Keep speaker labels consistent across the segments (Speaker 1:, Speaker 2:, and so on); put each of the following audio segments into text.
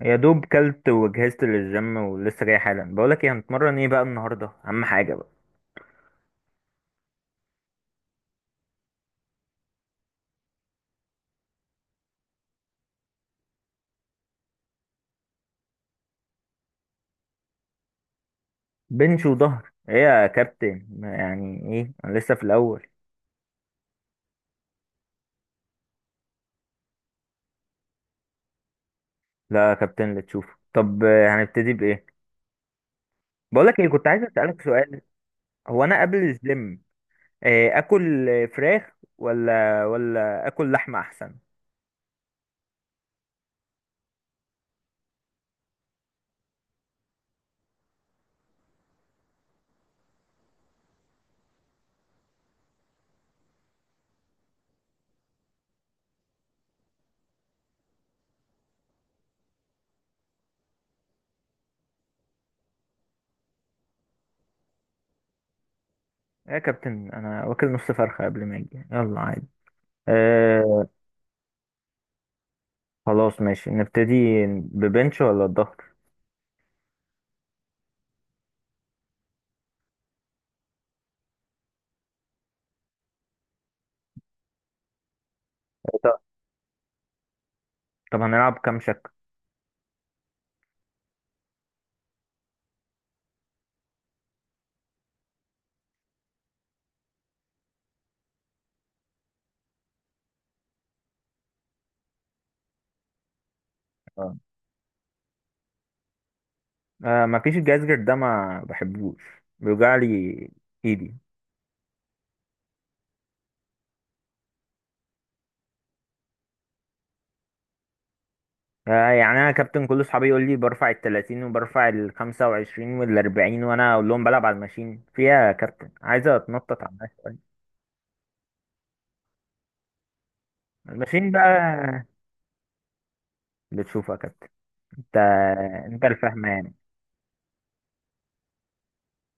Speaker 1: يا دوب كلت وجهزت للجيم ولسه جاي حالا. بقولك ايه، هنتمرن ايه بقى النهارده؟ اهم حاجه بقى. بنش وظهر ايه يا كابتن؟ يعني ايه، انا لسه في الاول. لا يا كابتن، اللي تشوفه. طب هنبتدي بايه؟ بقولك ايه، كنت عايز اسالك سؤال. هو انا قبل الجيم اكل فراخ ولا اكل لحمه احسن؟ يا كابتن انا واكل نص فرخه قبل ما اجي، يلا عادي. آه، خلاص ماشي نبتدي. ببنش ولا الظهر؟ طب طب هنلعب كام شكل؟ آه. آه، ما فيش الجهاز غير ده، ما بحبوش، بيوجع لي ايدي. آه، يعني انا كابتن، كل اصحابي يقول لي برفع ال 30 وبرفع ال 25 وال 40، وانا اقول لهم بلعب على الماشين. فيها يا كابتن؟ عايز اتنطط على الناس شوية. الماشين بقى بتشوفها يا كابتن. انت انت الفاهمة يعني.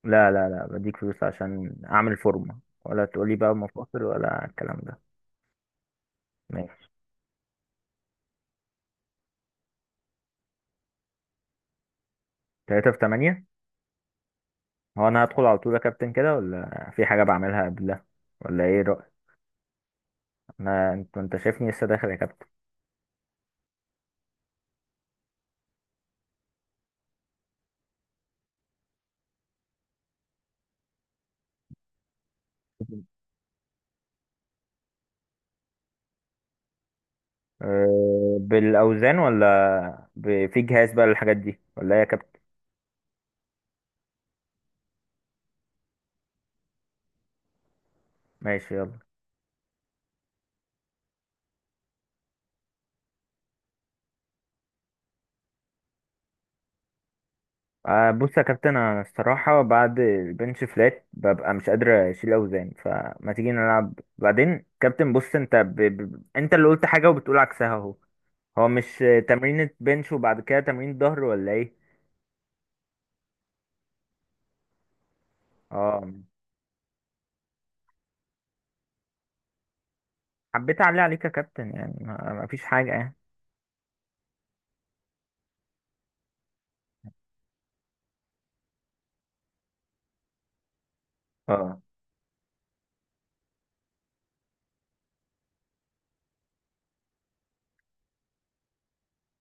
Speaker 1: لا، لا، لا، بديك فلوس عشان اعمل فورمة، ولا تقولي بقى مفاصل ولا الكلام ده. ماشي. 3 في 8. هو انا هدخل على طول يا كابتن كده، ولا في حاجة بعملها قبلها ولا ايه؟ ما انت شايفني لسه داخل يا كابتن. أه، بالاوزان ولا في جهاز بقى للحاجات دي ولا ايه يا كابتن؟ ماشي يلا. أه، بص يا كابتن، انا الصراحه بعد البنش فلات ببقى مش قادر اشيل اوزان، فما تيجي نلعب بعدين كابتن. بص انت اللي قلت حاجه وبتقول عكسها اهو. هو مش تمرين بنش وبعد كده تمرين ظهر ولا ايه؟ اه، حبيت اعلي عليك يا كابتن، يعني ما فيش حاجه يعني. اه.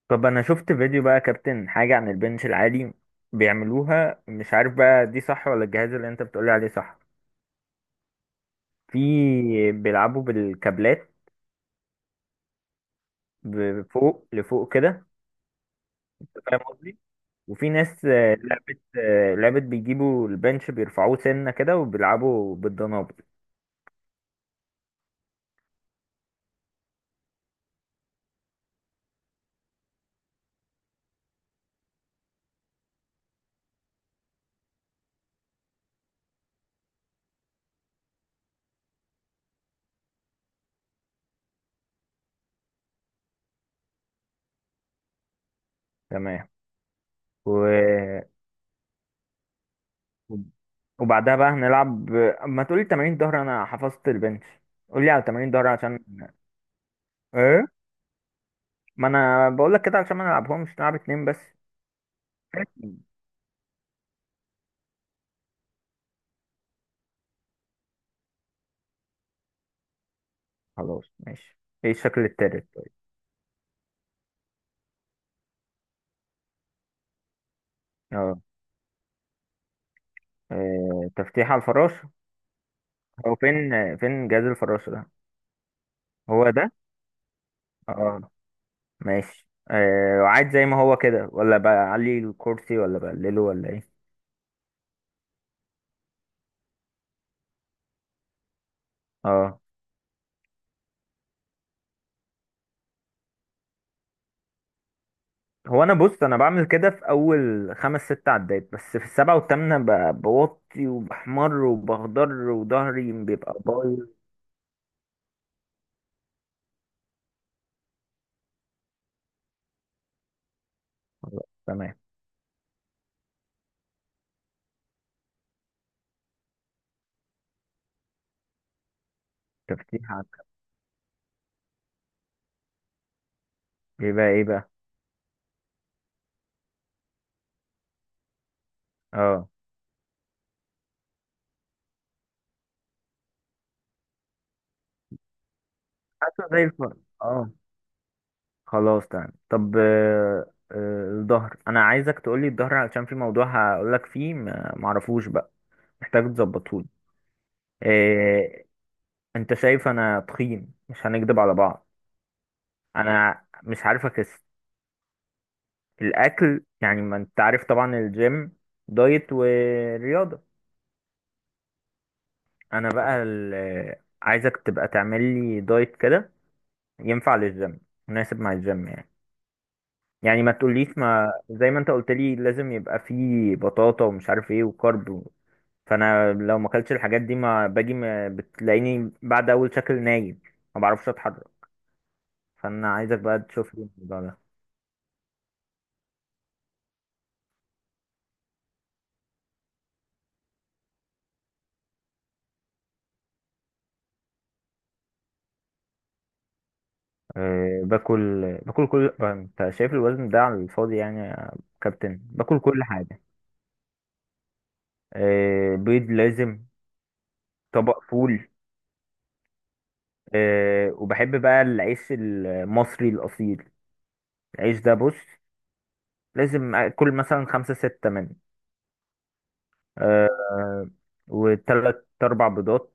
Speaker 1: طب انا شفت فيديو بقى يا كابتن حاجة عن البنش العالي. بيعملوها، مش عارف بقى دي صح ولا الجهاز اللي انت بتقولي عليه صح. في، بيلعبوا بالكابلات، فوق لفوق كده. انت فاهم قصدي؟ وفي ناس لعبت بيجيبوا البنش بيرفعوه سنة كده وبيلعبوا بالدنابل. تمام. و... وبعدها بقى هنلعب، ما تقولي تمارين ظهر، انا حفظت البنش. قولي على تمارين ظهر عشان. ايه؟ ما انا بقول لك كده عشان ما نلعبهمش، نلعب اتنين بس. خلاص ماشي. ايه الشكل التالت طيب؟ اه. تفتيح على الفراش. هو فين جهاز الفراش ده؟ هو ده؟ اه. ماشي عاد زي ما هو كده ولا بعلي الكرسي ولا بقلله ولا ايه؟ اه. هو انا، بص، انا بعمل كده في اول خمس ست عدات، بس في السبعة والثامنة بوطي وبحمر وبخضر وظهري بيبقى بايظ. خلاص، تمام. تفتيح على- بيبقى ايه بقى؟ اه، حاسه زي الفل. اه. خلاص تمام. طب الظهر، انا عايزك تقولي الظهر علشان في موضوع هقولك فيه، معرفوش بقى، محتاج تظبطهولي. إيه؟ انت شايف انا تخين، مش هنكدب على بعض. انا مش عارف اخس، الاكل يعني ما انت عارف طبعا الجيم دايت ورياضة. انا بقى عايزك تبقى تعمل لي دايت كده ينفع للجيم، مناسب مع الجيم يعني. يعني ما تقوليش، ما زي ما انت قلت لي لازم يبقى فيه بطاطا ومش عارف ايه وكارب. فانا لو ما اكلتش الحاجات دي، ما باجي، ما بتلاقيني بعد اول شكل نايم، ما بعرفش اتحرك. فانا عايزك بقى تشوف لي الموضوع ده. أه، باكل كل انت شايف الوزن ده على الفاضي يعني يا كابتن، باكل كل حاجه. أه، بيض لازم. طبق فول. أه، وبحب بقى العيش المصري الاصيل. العيش ده بص، لازم اكل مثلا خمسة ستة منه. أه، وتلات اربع بيضات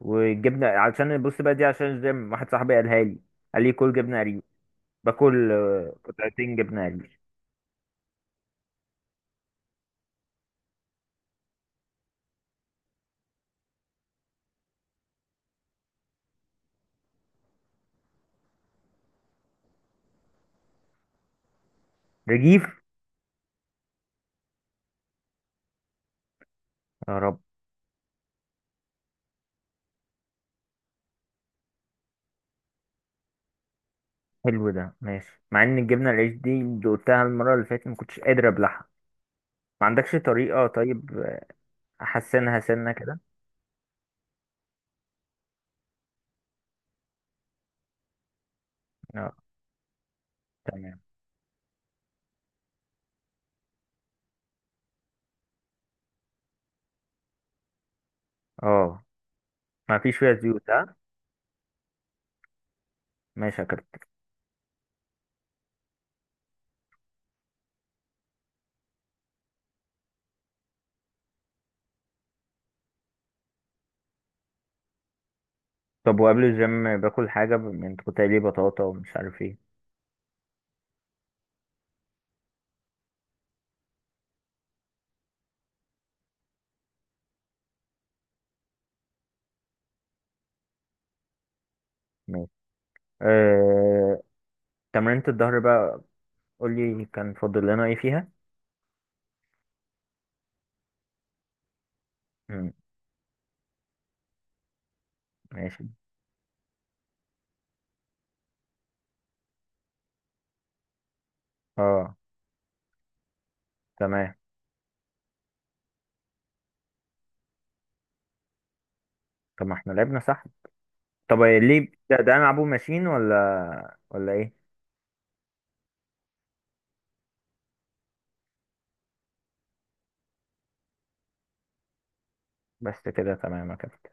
Speaker 1: وجبنه، عشان بص بقى، دي عشان الجيم، واحد صاحبي قالها لي، قال لي كل جبنه قريش. باكل قطعتين جبنه قريش. رغيف. يا رب. حلو ده ماشي، مع ان الجبنه القريش دي دقتها المره اللي فاتت ما كنتش قادر ابلعها. ما عندكش طريقه طيب احسنها سنه كده؟ اه، تمام. اه، ما فيش فيها زيوت؟ ها. ماشي يا كابتن. طب وقبل الجيم باكل حاجه من قلت لي بطاطا ومش عارف ايه؟ ماشي. أه... تمرينة الظهر بقى، قول لي كان فاضل لنا ايه فيها. مم. ماشي. اه، تمام. طب ما احنا لعبنا صح؟ طب إيه ليه ده, هنلعبه ماشين ولا ايه؟ بس كده تمام يا كابتن.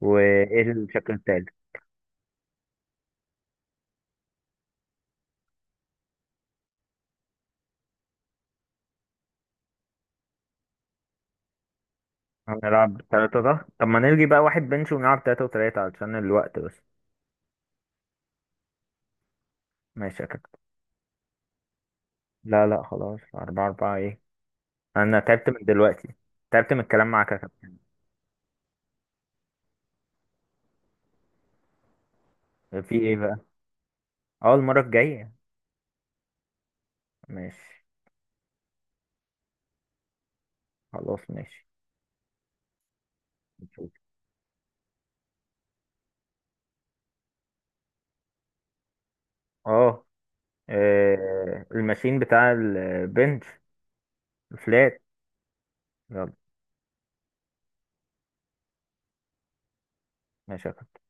Speaker 1: وايه الشكل التالت؟ هنلعب تلاتة ده؟ طب ما نلغي بقى واحد بنش ونلعب تلاتة وتلاتة علشان الوقت بس. ماشي يا كابتن. لا، لا، خلاص أربعة أربعة ايه. انا تعبت من دلوقتي، تعبت من الكلام معاك يا كابتن. في ايه بقى؟ اه، المرة الجاية. ماشي. خلاص ماشي، نشوف. اه. الماشين بتاع البنش الفلات. يلا. ماشي يا كابتن.